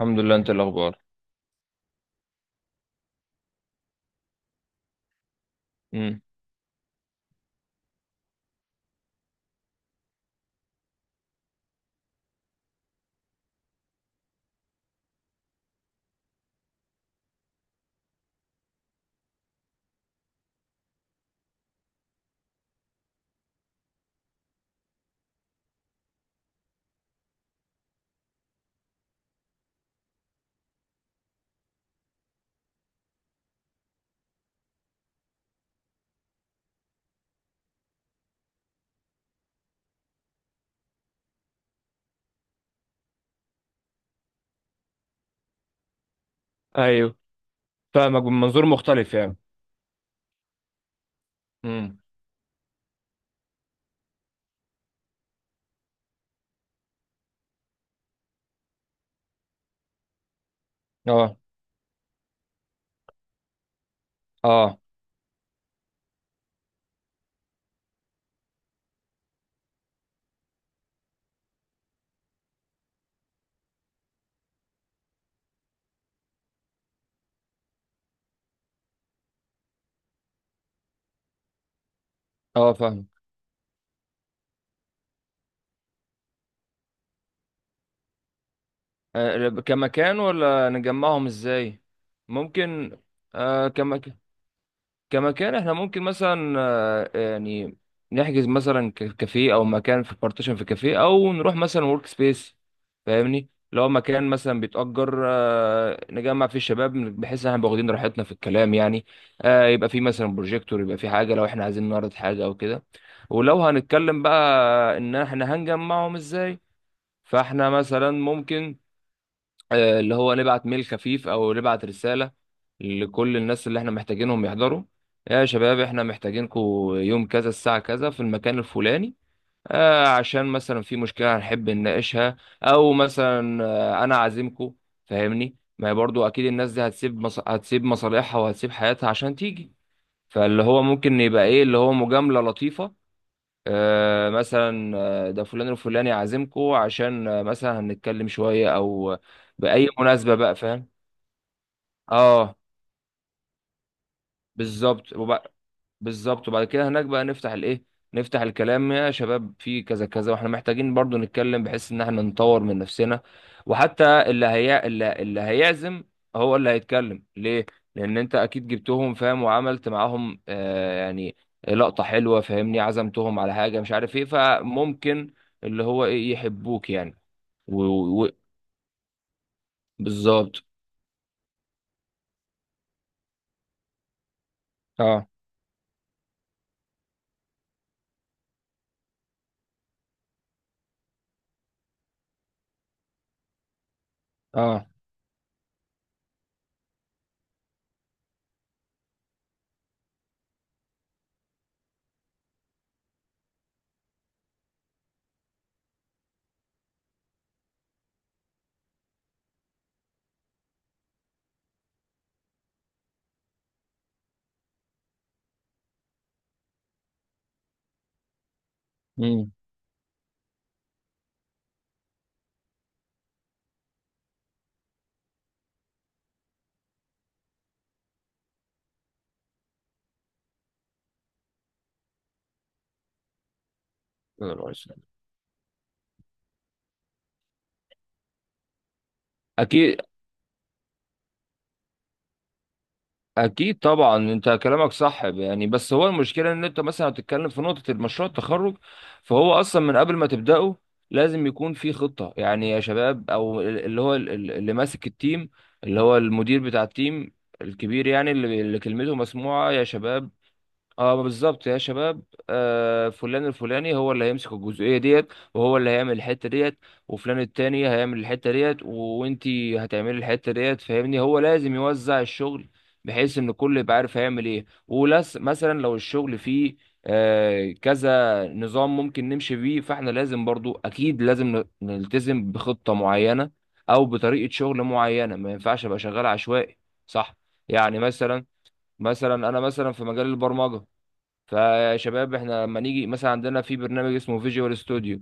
الحمد لله. انت إيه الاخبار؟ امم. ايوه، فاهمك من منظور مختلف يعني. امم. اه. اه. اه. فاهم. كمكان ولا نجمعهم ازاي؟ ممكن. آه، كمكان. كمكان احنا ممكن مثلا يعني نحجز مثلا كافيه او مكان في بارتيشن في كافيه او نروح مثلا ورك سبيس. فاهمني، لو مكان مثلا بيتأجر، نجمع فيه الشباب، بحيث ان احنا نبقى واخدين راحتنا في الكلام يعني. يبقى فيه مثلا بروجيكتور، يبقى فيه حاجة لو احنا عايزين نعرض حاجة او كده. ولو هنتكلم بقى ان احنا هنجمعهم ازاي، فاحنا مثلا ممكن اللي هو نبعت ميل خفيف او نبعت رسالة لكل الناس اللي احنا محتاجينهم يحضروا. يا شباب، احنا محتاجينكم يوم كذا الساعة كذا في المكان الفلاني، عشان مثلا في مشكلة هنحب نناقشها، او مثلا انا عازمكم. فاهمني، ما هي برضو اكيد الناس دي هتسيب هتسيب مصالحها وهتسيب حياتها عشان تيجي. فاللي هو ممكن يبقى ايه، اللي هو مجاملة لطيفة، مثلا، ده فلان الفلاني عازمكو عشان مثلا هنتكلم شوية او بأي مناسبة بقى، فاهم. اه، بالظبط. بالظبط، وبعد كده هناك بقى نفتح الايه، نفتح الكلام. يا شباب، في كذا كذا واحنا محتاجين برضو نتكلم بحيث ان احنا نطور من نفسنا. وحتى اللي هي اللي هيعزم هو اللي هيتكلم ليه، لان انت اكيد جبتهم فاهم، وعملت معاهم آه يعني لقطة حلوة. فاهمني، عزمتهم على حاجة مش عارف ايه، فممكن اللي هو ايه، يحبوك يعني. و... و... بالظبط. اه. اه. امم. اكيد. اكيد طبعا، انت كلامك صح يعني. بس هو المشكله ان انت مثلا هتتكلم في نقطه المشروع التخرج، فهو اصلا من قبل ما تبداه لازم يكون في خطه يعني. يا شباب، او اللي هو اللي ماسك التيم، اللي هو المدير بتاع التيم الكبير يعني، اللي كلمته مسموعه. يا شباب، اه بالظبط. يا شباب، آه فلان الفلاني هو اللي هيمسك الجزئيه ديت وهو اللي هيعمل الحته ديت، وفلان التاني هيعمل الحته ديت وانتي هتعملي الحته ديت. فاهمني، هو لازم يوزع الشغل بحيث ان كل يبقى عارف هيعمل ايه، ولس مثلا لو الشغل فيه آه كذا نظام ممكن نمشي بيه، فاحنا لازم برضو اكيد لازم نلتزم بخطه معينه او بطريقه شغل معينه. ما ينفعش ابقى شغال عشوائي، صح؟ يعني مثلا، مثلا انا مثلا في مجال البرمجه، فيا شباب احنا لما نيجي مثلا عندنا في برنامج اسمه فيجوال ستوديو.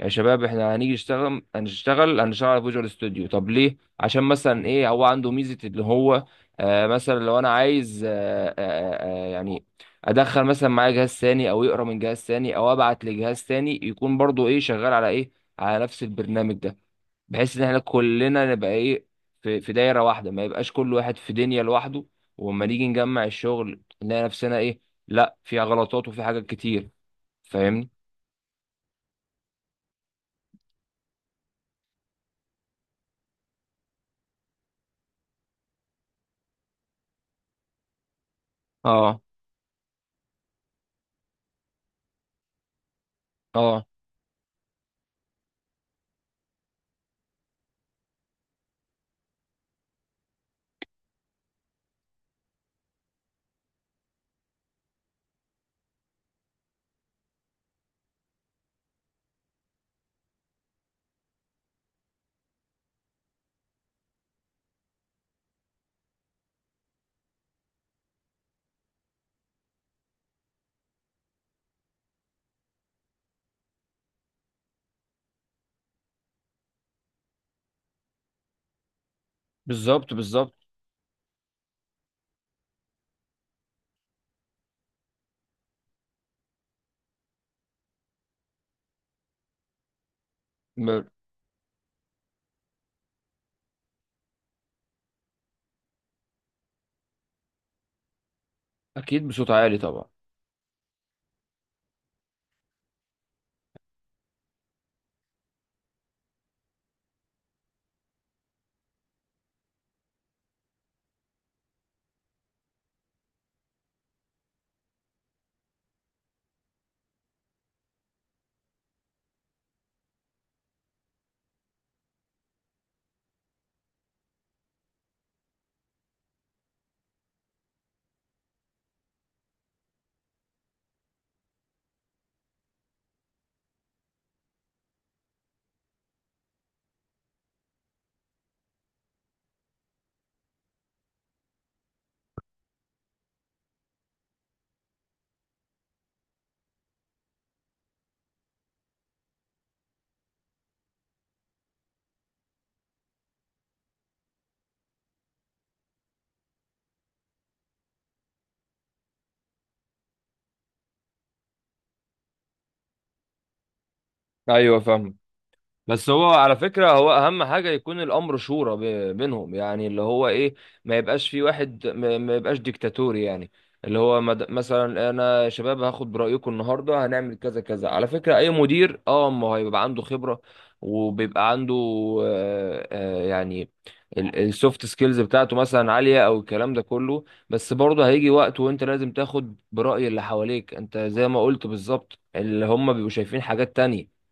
يا شباب، احنا هنيجي نشتغل، هنشتغل على فيجوال ستوديو. طب ليه؟ عشان مثلا ايه، هو عنده ميزة اللي هو آه مثلا لو انا عايز يعني ادخل مثلا معايا جهاز ثاني او يقرا من جهاز ثاني او ابعت لجهاز ثاني، يكون برضو ايه، شغال على ايه، على نفس البرنامج ده. بحيث ان احنا كلنا نبقى ايه، في دايره واحده، ما يبقاش كل واحد في دنيا لوحده. واما نيجي نجمع الشغل نلاقي نفسنا ايه، لا فيها غلطات وفي حاجات كتير. فاهمني. اه. اه. بالظبط. بالظبط. م- اكيد، بصوت عالي طبعا. ايوه، فاهم. بس هو على فكرة هو أهم حاجة يكون الأمر شورى بينهم، يعني اللي هو إيه، ما يبقاش في واحد، ما ما يبقاش ديكتاتوري يعني. اللي هو مثلا أنا يا شباب هاخد برأيكم النهاردة هنعمل كذا كذا. على فكرة أي مدير أه ما هو هيبقى عنده خبرة، وبيبقى عنده يعني السوفت سكيلز بتاعته مثلا عالية أو الكلام ده كله. بس برضه هيجي وقت وأنت لازم تاخد برأي اللي حواليك. أنت زي ما قلت بالظبط، اللي هم بيبقوا شايفين حاجات تانية،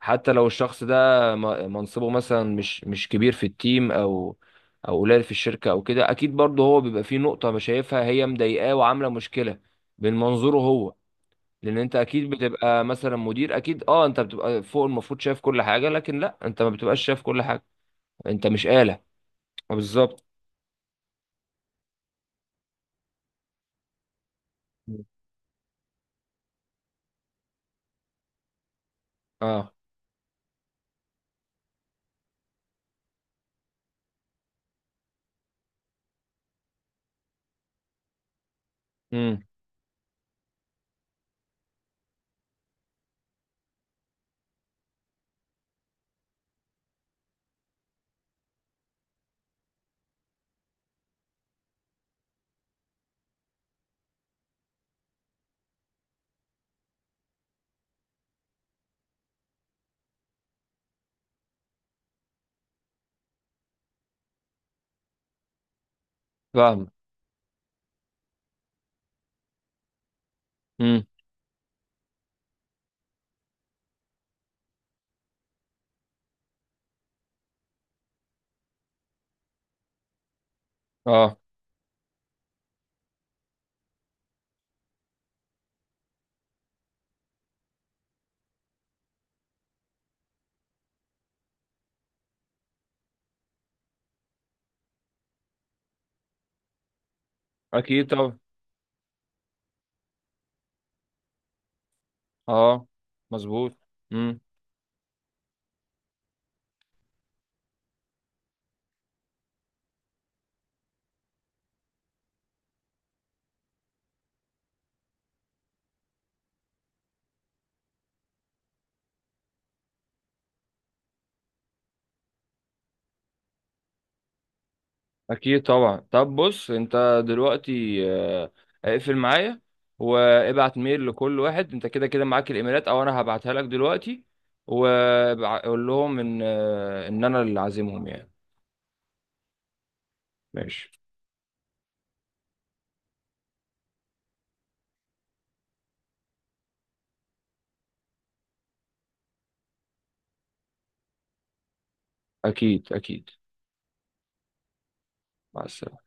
حتى لو الشخص ده منصبه مثلا مش كبير في التيم، او او قليل في الشركه او كده، اكيد برضه هو بيبقى فيه نقطه مش شايفها، هي مضايقاه وعامله مشكله من منظوره هو. لان انت اكيد بتبقى مثلا مدير، اكيد اه انت بتبقى فوق، المفروض شايف كل حاجه، لكن لا، انت ما بتبقاش شايف كل حاجه، انت مش آلة. بالظبط. اه. امم. فاهم. امم. اه، اكيد طبعا. اه، مظبوط. امم. اكيد طبعا. طب بص، انت دلوقتي اقفل معايا وابعت ميل لكل واحد، انت كده كده معاك الايميلات او انا هبعتها لك دلوقتي. وقول لهم ان ان انا اللي عازمهم يعني. ماشي. اكيد، اكيد. مع السلامه.